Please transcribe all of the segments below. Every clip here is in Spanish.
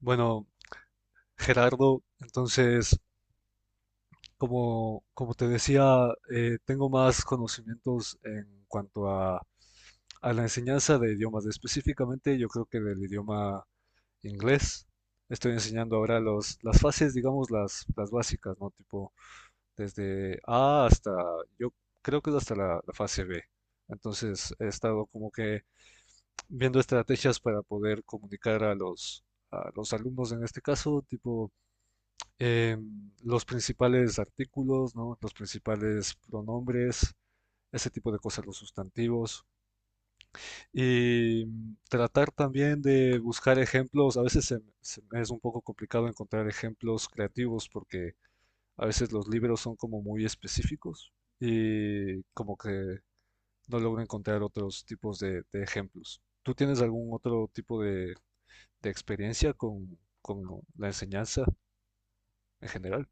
Bueno, Gerardo, entonces, como te decía, tengo más conocimientos en cuanto a la enseñanza de idiomas, específicamente yo creo que del idioma inglés. Estoy enseñando ahora las fases, digamos, las básicas, ¿no? Tipo, desde A hasta, yo creo que es hasta la fase B. Entonces, he estado como que viendo estrategias para poder comunicar a a los alumnos en este caso, tipo eh, los principales artículos, ¿no? Los principales pronombres, ese tipo de cosas, los sustantivos. Y tratar también de buscar ejemplos. A veces se es un poco complicado encontrar ejemplos creativos porque a veces los libros son como muy específicos y como que no logro encontrar otros tipos de ejemplos. ¿Tú tienes algún otro tipo de experiencia con la enseñanza en general?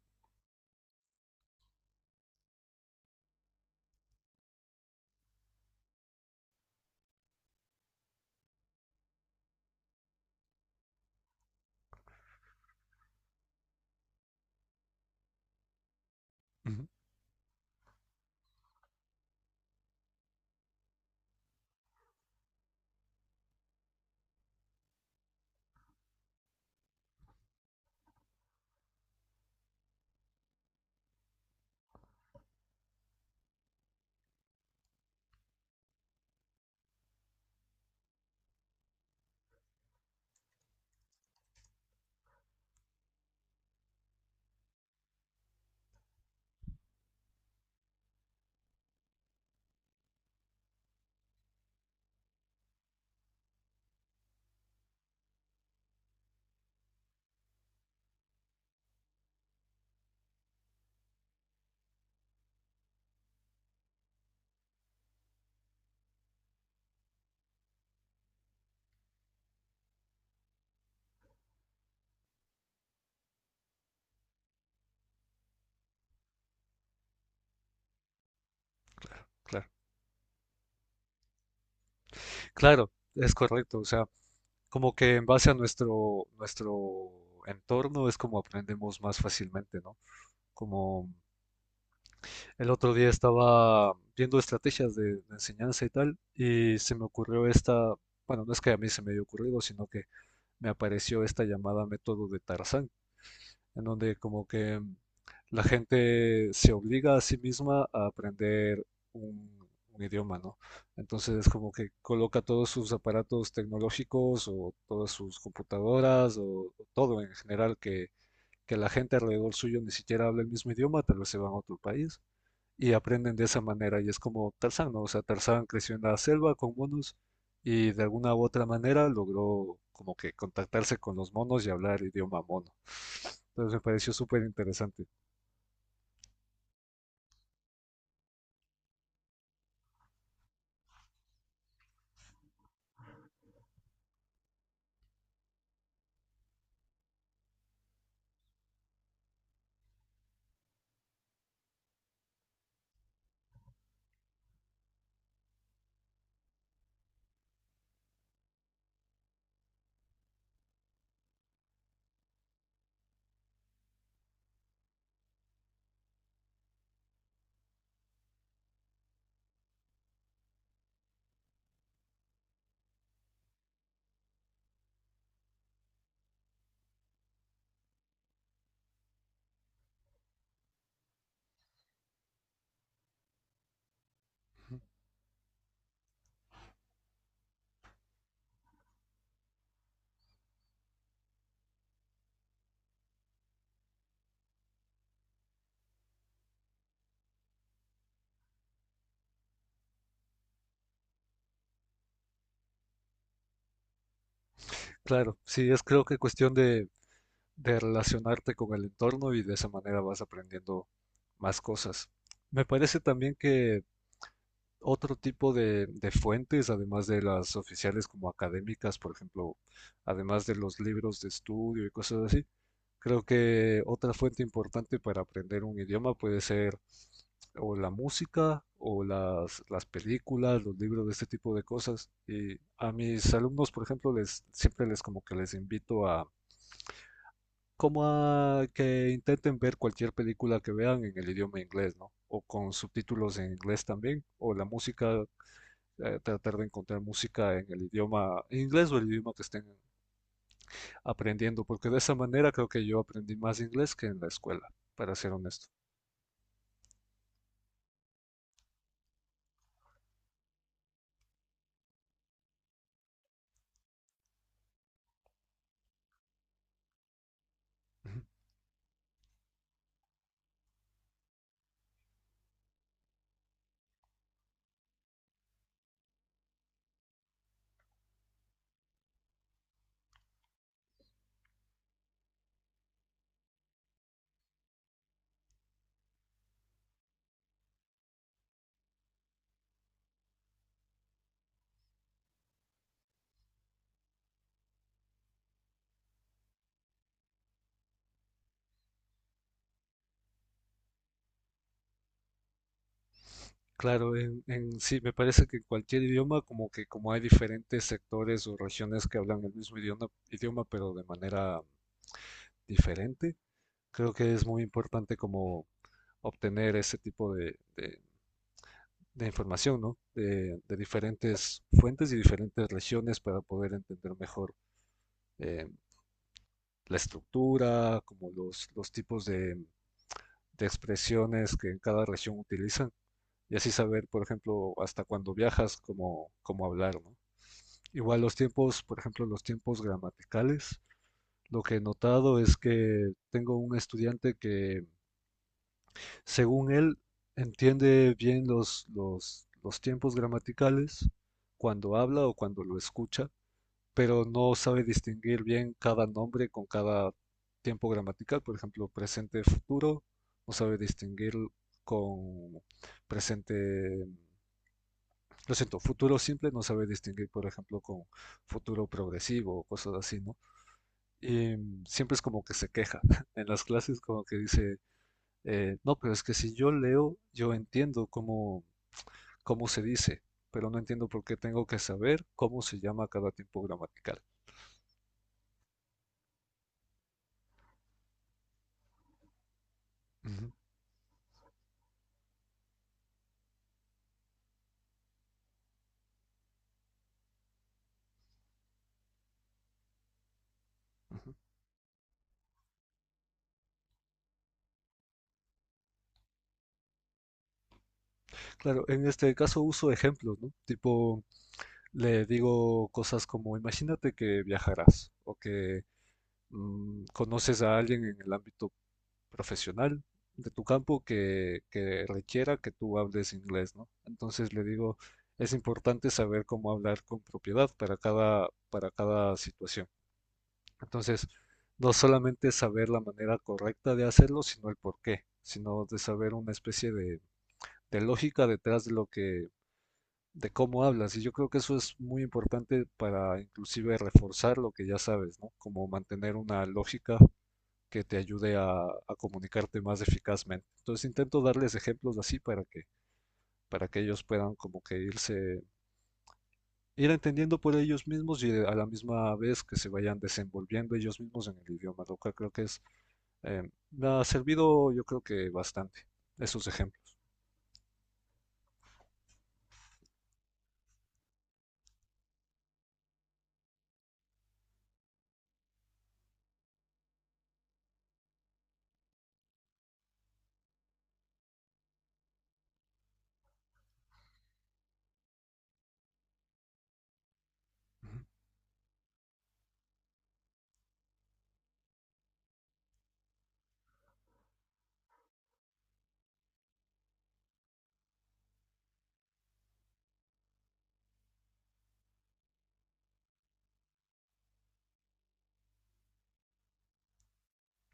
Ujú, claro. Claro, es correcto. O sea, como que en base a nuestro entorno es como aprendemos más fácilmente, ¿no? Como el otro día estaba viendo estrategias de enseñanza y tal, y se me ocurrió esta, bueno, no es que a mí se me haya ocurrido, sino que me apareció esta llamada método de Tarzán en donde como que la gente se obliga a sí misma a aprender un, un idioma, ¿no? Entonces como que coloca todos sus aparatos tecnológicos o todas sus computadoras o todo en general que la gente alrededor suyo ni siquiera habla el mismo idioma, tal vez se van a otro país y aprenden de esa manera. Y es como Tarzán, ¿no? O sea, Tarzán creció en la selva con monos y de alguna u otra manera logró como que contactarse con los monos y hablar idioma mono. Entonces me pareció súper interesante. Claro, sí, es creo que cuestión de relacionarte con el entorno y de esa manera vas aprendiendo más cosas. Me parece también que otro tipo de fuentes, además de las oficiales como académicas, por ejemplo, además de los libros de estudio y cosas así, creo que otra fuente importante para aprender un idioma puede ser o la música o las películas, los libros, de este tipo de cosas. Y a mis alumnos, por ejemplo, les, siempre les como que les invito a como a que intenten ver cualquier película que vean en el idioma inglés, ¿no? O con subtítulos en inglés también, o la música, tratar de encontrar música en el idioma inglés o el idioma que estén aprendiendo, porque de esa manera creo que yo aprendí más inglés que en la escuela, para ser honesto. Ujú. Claro, en sí, me parece que en cualquier idioma, como que como hay diferentes sectores o regiones que hablan el mismo idioma, pero de manera diferente, creo que es muy importante como obtener ese tipo de, de información, ¿no? De diferentes fuentes y diferentes regiones para poder entender mejor eh, la estructura, como los tipos de expresiones que en cada región utilizan y así saber, por ejemplo, hasta cuando viajas, cómo, cómo hablar, ¿no? Igual los tiempos, por ejemplo, los tiempos gramaticales. Lo que he notado es que tengo un estudiante que, según él, entiende bien los tiempos gramaticales cuando habla o cuando lo escucha, pero no sabe distinguir bien cada nombre con cada tiempo gramatical, por ejemplo, presente, futuro, no sabe distinguir con presente, lo siento, futuro simple, no sabe distinguir, por ejemplo, con futuro progresivo o cosas así, ¿no? Y siempre es como que se queja en las clases, como que dice, no, pero es que si yo leo, yo entiendo cómo, cómo se dice, pero no entiendo por qué tengo que saber cómo se llama cada tiempo gramatical. Ujú. Claro, en este caso uso ejemplos, ¿no? Tipo, le digo cosas como, imagínate que viajarás o que conoces a alguien en el ámbito profesional de tu campo que requiera que tú hables inglés, ¿no? Entonces le digo, es importante saber cómo hablar con propiedad para cada situación. Entonces, no solamente saber la manera correcta de hacerlo, sino el por qué, sino de saber una especie de lógica detrás de lo que de cómo hablas. Y yo creo que eso es muy importante para inclusive reforzar lo que ya sabes, ¿no? Como mantener una lógica que te ayude a comunicarte más eficazmente. Entonces intento darles ejemplos así para que ellos puedan como que irse, ir entendiendo por ellos mismos y a la misma vez que se vayan desenvolviendo ellos mismos en el idioma, lo cual creo que es, eh, me ha servido yo creo que bastante esos ejemplos. Ujú,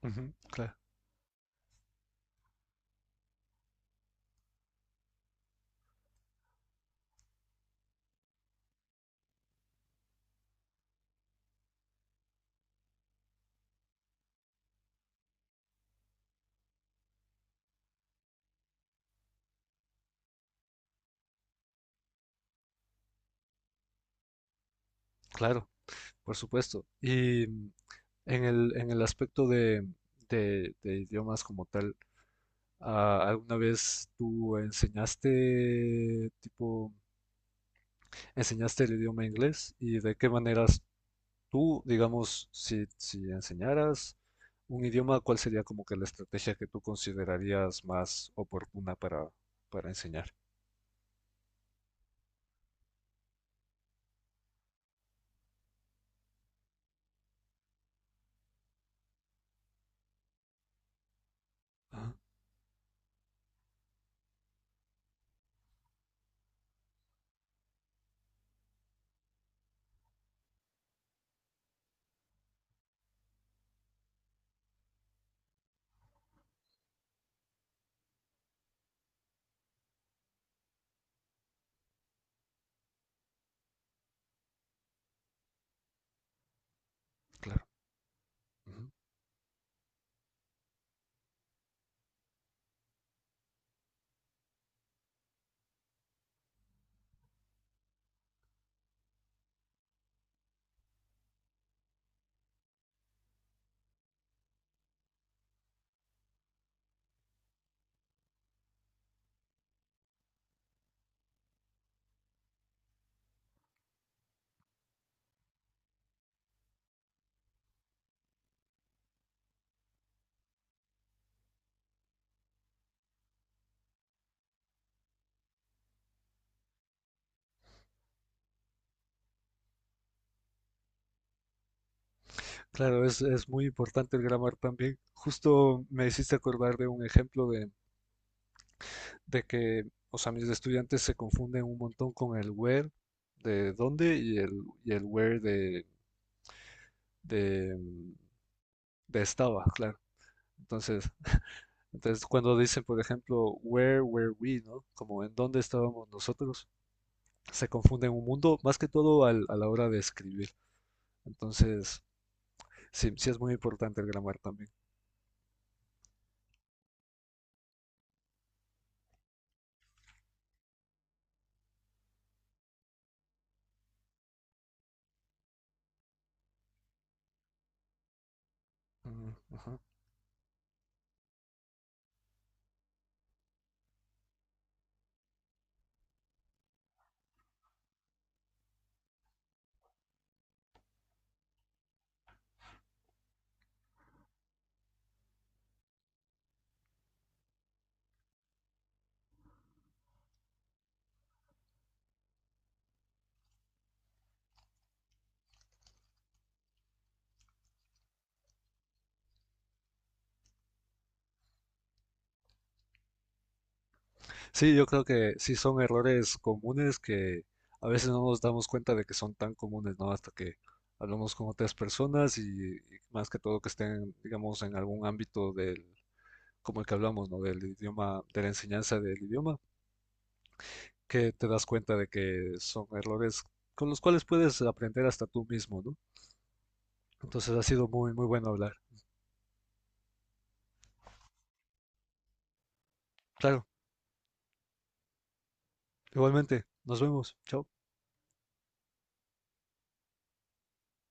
ujú, claro, por supuesto. Y en el, en el aspecto de, de idiomas como tal, ah, ¿alguna vez tú enseñaste, tipo, enseñaste el idioma inglés? ¿Y de qué maneras tú, digamos, si, si enseñaras un idioma, cuál sería como que la estrategia que tú considerarías más oportuna para enseñar? Ah, claro. Ujú. Claro, es muy importante el grammar también. Justo me hiciste acordar de un ejemplo de que, o sea, mis estudiantes se confunden un montón con el where de dónde y el where de, de estaba, claro. Entonces, entonces, cuando dicen, por ejemplo, where were we, ¿no? Como en dónde estábamos nosotros, se confunden un mundo, más que todo a la hora de escribir. Entonces, sí, sí es muy importante el grammar también. Ujú, ujú. Sí, yo creo que sí son errores comunes que a veces no nos damos cuenta de que son tan comunes, ¿no? Hasta que hablamos con otras personas y más que todo que estén, digamos, en algún ámbito del, como el que hablamos, ¿no? Del idioma, de la enseñanza del idioma, que te das cuenta de que son errores con los cuales puedes aprender hasta tú mismo, ¿no? Entonces ha sido muy, muy bueno hablar. Claro, igualmente, nos vemos. Chao.